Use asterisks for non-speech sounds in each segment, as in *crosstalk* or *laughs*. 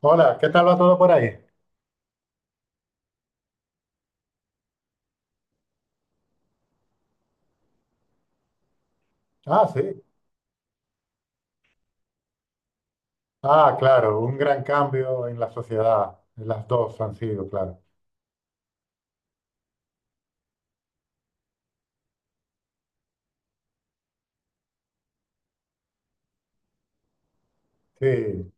Hola, ¿qué tal va todo por ahí? Ah, sí. Ah, claro, un gran cambio en la sociedad. Las dos han sido, claro. Sí,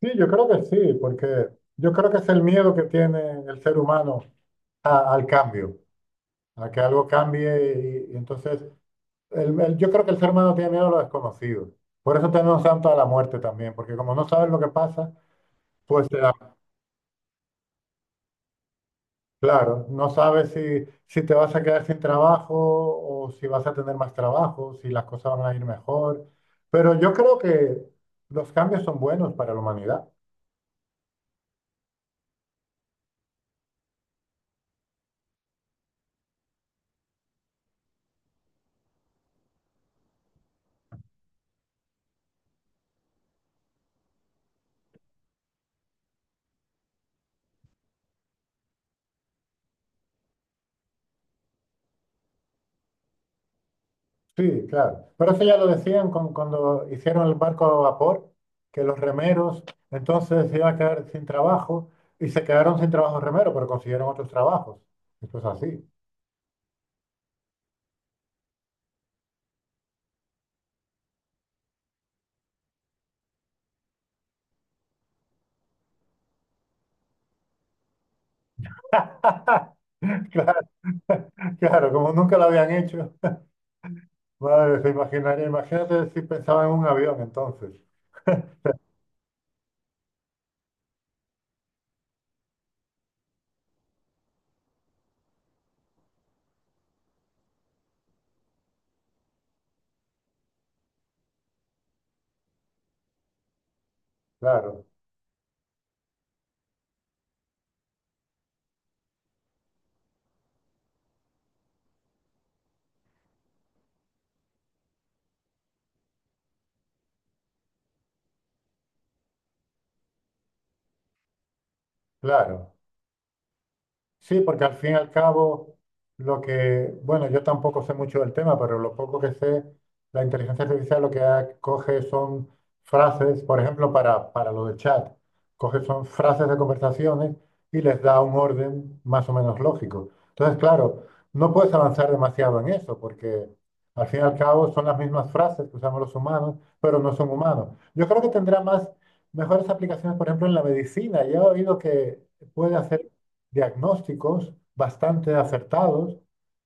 sí, yo creo que sí, porque yo creo que es el miedo que tiene el ser humano al cambio, a que algo cambie. Y entonces, yo creo que el ser humano tiene miedo a lo desconocido. Por eso tenemos tanto a la muerte también, porque como no sabes lo que pasa. Claro, no sabes si, si te vas a quedar sin trabajo o si vas a tener más trabajo, si las cosas van a ir mejor. Pero yo creo que los cambios son buenos para la humanidad. Sí, claro. Pero eso ya lo decían cuando hicieron el barco a vapor, que los remeros entonces se iban a quedar sin trabajo y se quedaron sin trabajo remeros, pero consiguieron otros trabajos. Esto es así. *laughs* Claro, claro, como nunca lo habían hecho. Madre, se imaginaría, imagínate si pensaba en un avión entonces. Claro. Claro, sí, porque al fin y al cabo, lo que, bueno, yo tampoco sé mucho del tema, pero lo poco que sé, la inteligencia artificial lo que coge son frases, por ejemplo, para lo del chat, coge son frases de conversaciones y les da un orden más o menos lógico. Entonces, claro, no puedes avanzar demasiado en eso, porque al fin y al cabo son las mismas frases que usamos los humanos, pero no son humanos. Yo creo que tendrá más, mejores aplicaciones, por ejemplo, en la medicina. Yo he oído que puede hacer diagnósticos bastante acertados.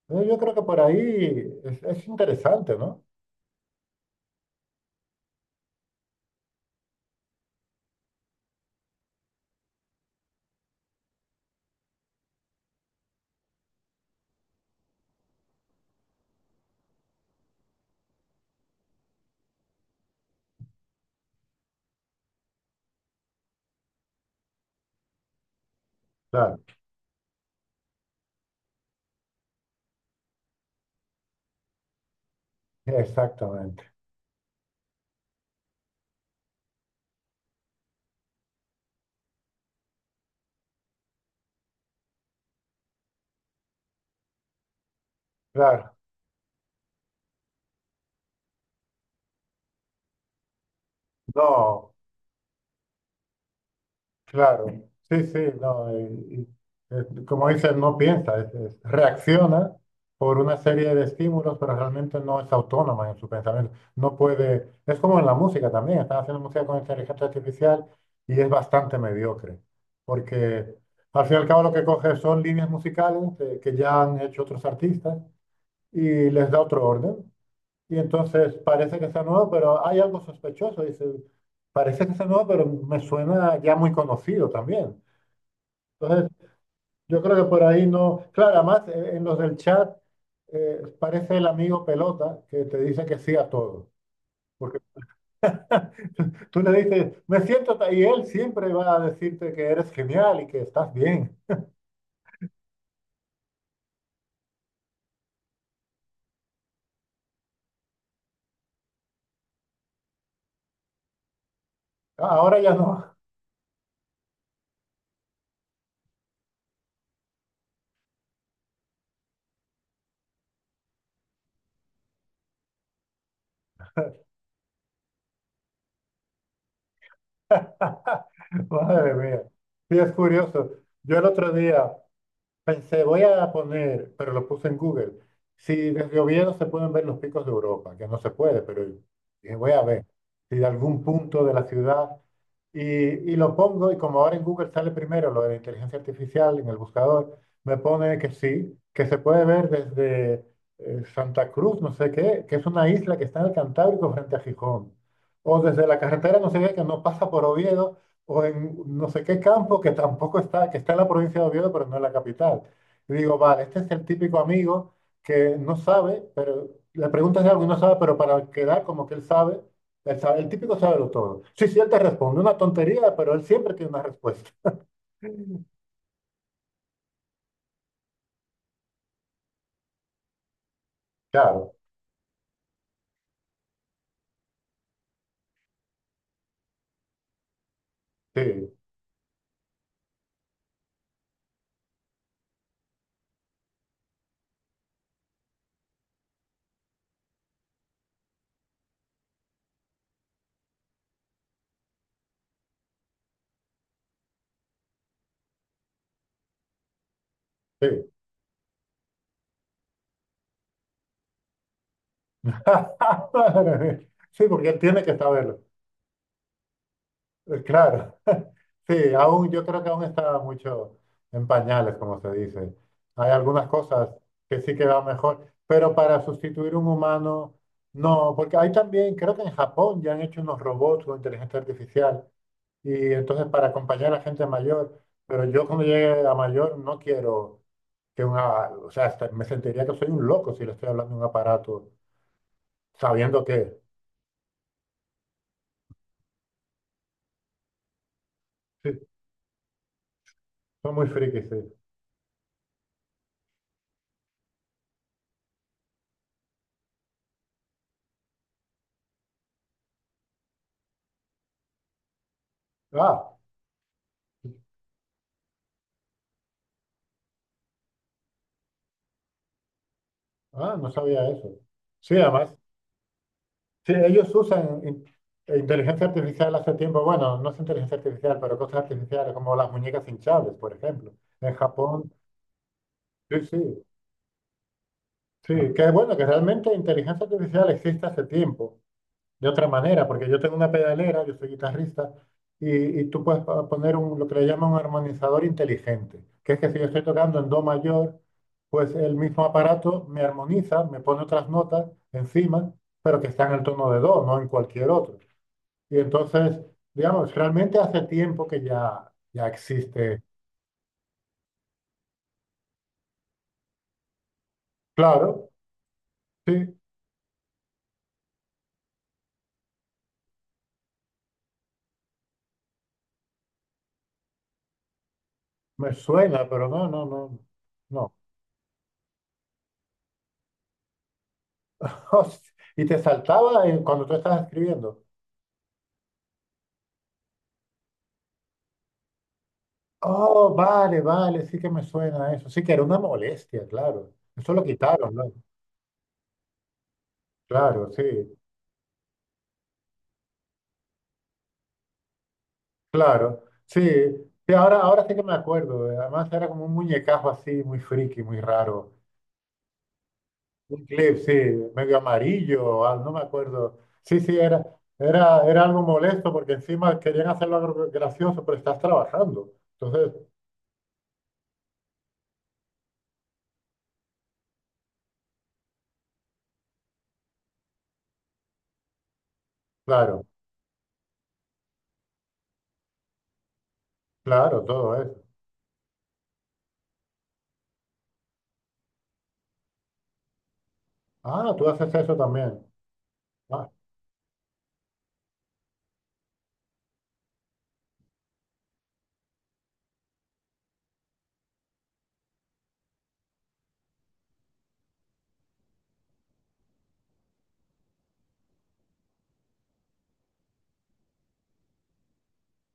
Entonces, yo creo que por ahí es interesante, ¿no? Claro, exactamente. Claro, no. Claro, sí, sí, no, como dices, no piensa, reacciona por una serie de estímulos, pero realmente no es autónoma en su pensamiento. No puede, es como en la música también, están haciendo música con inteligencia artificial y es bastante mediocre, porque al fin y al cabo lo que coge son líneas musicales que ya han hecho otros artistas y les da otro orden. Y entonces parece que está nuevo, pero hay algo sospechoso. Dice, parece que está nuevo, pero me suena ya muy conocido también. Entonces, yo creo que por ahí no. Claro, además en los del chat parece el amigo pelota que te dice que sí a todo. Porque *laughs* tú le dices, me siento, ta-", y él siempre va a decirte que eres genial y que estás bien. Ah, ahora ya no. *laughs* Madre mía. Sí, es curioso. Yo el otro día. Pensé, voy a poner, pero lo puse en Google, si desde Oviedo se pueden ver los picos de Europa, que no se puede, pero dije, voy a ver si de algún punto de la ciudad, y lo pongo, y como ahora en Google sale primero lo de la inteligencia artificial en el buscador, me pone que sí, que se puede ver desde Santa Cruz, no sé qué, que es una isla que está en el Cantábrico frente a Gijón, o desde la carretera, no sé qué, que no pasa por Oviedo, o en no sé qué campo que tampoco está, que está en la provincia de Oviedo, pero no en la capital. Y digo, vale, este es el típico amigo que no sabe, pero le preguntas de algo y no sabe, pero para quedar como que él sabe, el típico sabe lo todo. Sí, sí, él te responde una tontería, pero él siempre tiene una respuesta. *laughs* Claro, sí, sí. *laughs* Sí, porque él tiene que saberlo. Claro. Sí, aún, yo creo que aún está mucho en pañales, como se dice. Hay algunas cosas que sí que va mejor, pero para sustituir un humano, no, porque hay también, creo que en Japón ya han hecho unos robots con inteligencia artificial, y entonces para acompañar a gente mayor, pero yo cuando llegue a mayor no quiero que una, o sea, hasta me sentiría que soy un loco si le estoy hablando a un aparato, sabiendo que, sí, son muy frikis, sí. Ah, ah, no sabía eso. Sí, además. Sí, ellos usan inteligencia artificial hace tiempo, bueno, no es inteligencia artificial, pero cosas artificiales como las muñecas hinchables, por ejemplo. En Japón, sí, sí, sí, que bueno, que realmente inteligencia artificial existe hace tiempo, de otra manera, porque yo tengo una pedalera, yo soy guitarrista, y tú puedes poner un, lo que le llaman un armonizador inteligente, que es que si yo estoy tocando en do mayor, pues el mismo aparato me armoniza, me pone otras notas encima, pero que están en el tono de do, no en cualquier otro. Y entonces, digamos, realmente hace tiempo que ya, ya existe. Claro, sí, me suena, pero no, no, no, no. *laughs* Y te saltaba cuando tú estabas escribiendo. Oh, vale, vale, sí que me suena eso. Sí que era una molestia, claro. Eso lo quitaron, ¿no? Claro, sí, claro. Sí, sí, ahora, ahora sí que me acuerdo. Además era como un muñecajo así, muy friki, muy raro. Clip, sí, medio amarillo, ah, no me acuerdo. Sí, sí, era algo molesto porque encima querían hacerlo algo gracioso, pero estás trabajando. Entonces, claro, claro, todo eso. Ah, tú haces eso también. Ah,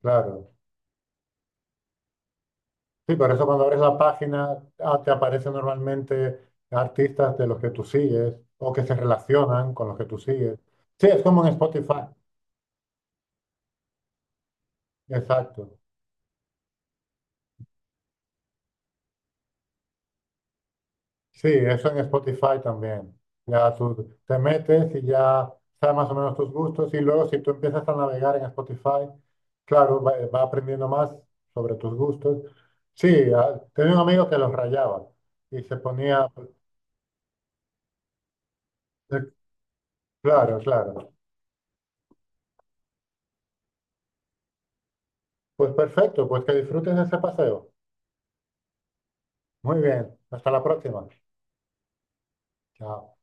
claro. Sí, por eso cuando abres la página, ah, te aparecen normalmente artistas de los que tú sigues o que se relacionan con los que tú sigues. Sí, es como en Spotify. Exacto. Sí, eso en Spotify también. Ya tú te metes y ya sabes más o menos tus gustos y luego si tú empiezas a navegar en Spotify, claro, va, va aprendiendo más sobre tus gustos. Sí, ah, tenía un amigo que los rayaba y se ponía... eh, Claro, claro. Pues perfecto, pues que disfrutes de ese paseo. Muy bien, hasta la próxima. Chao.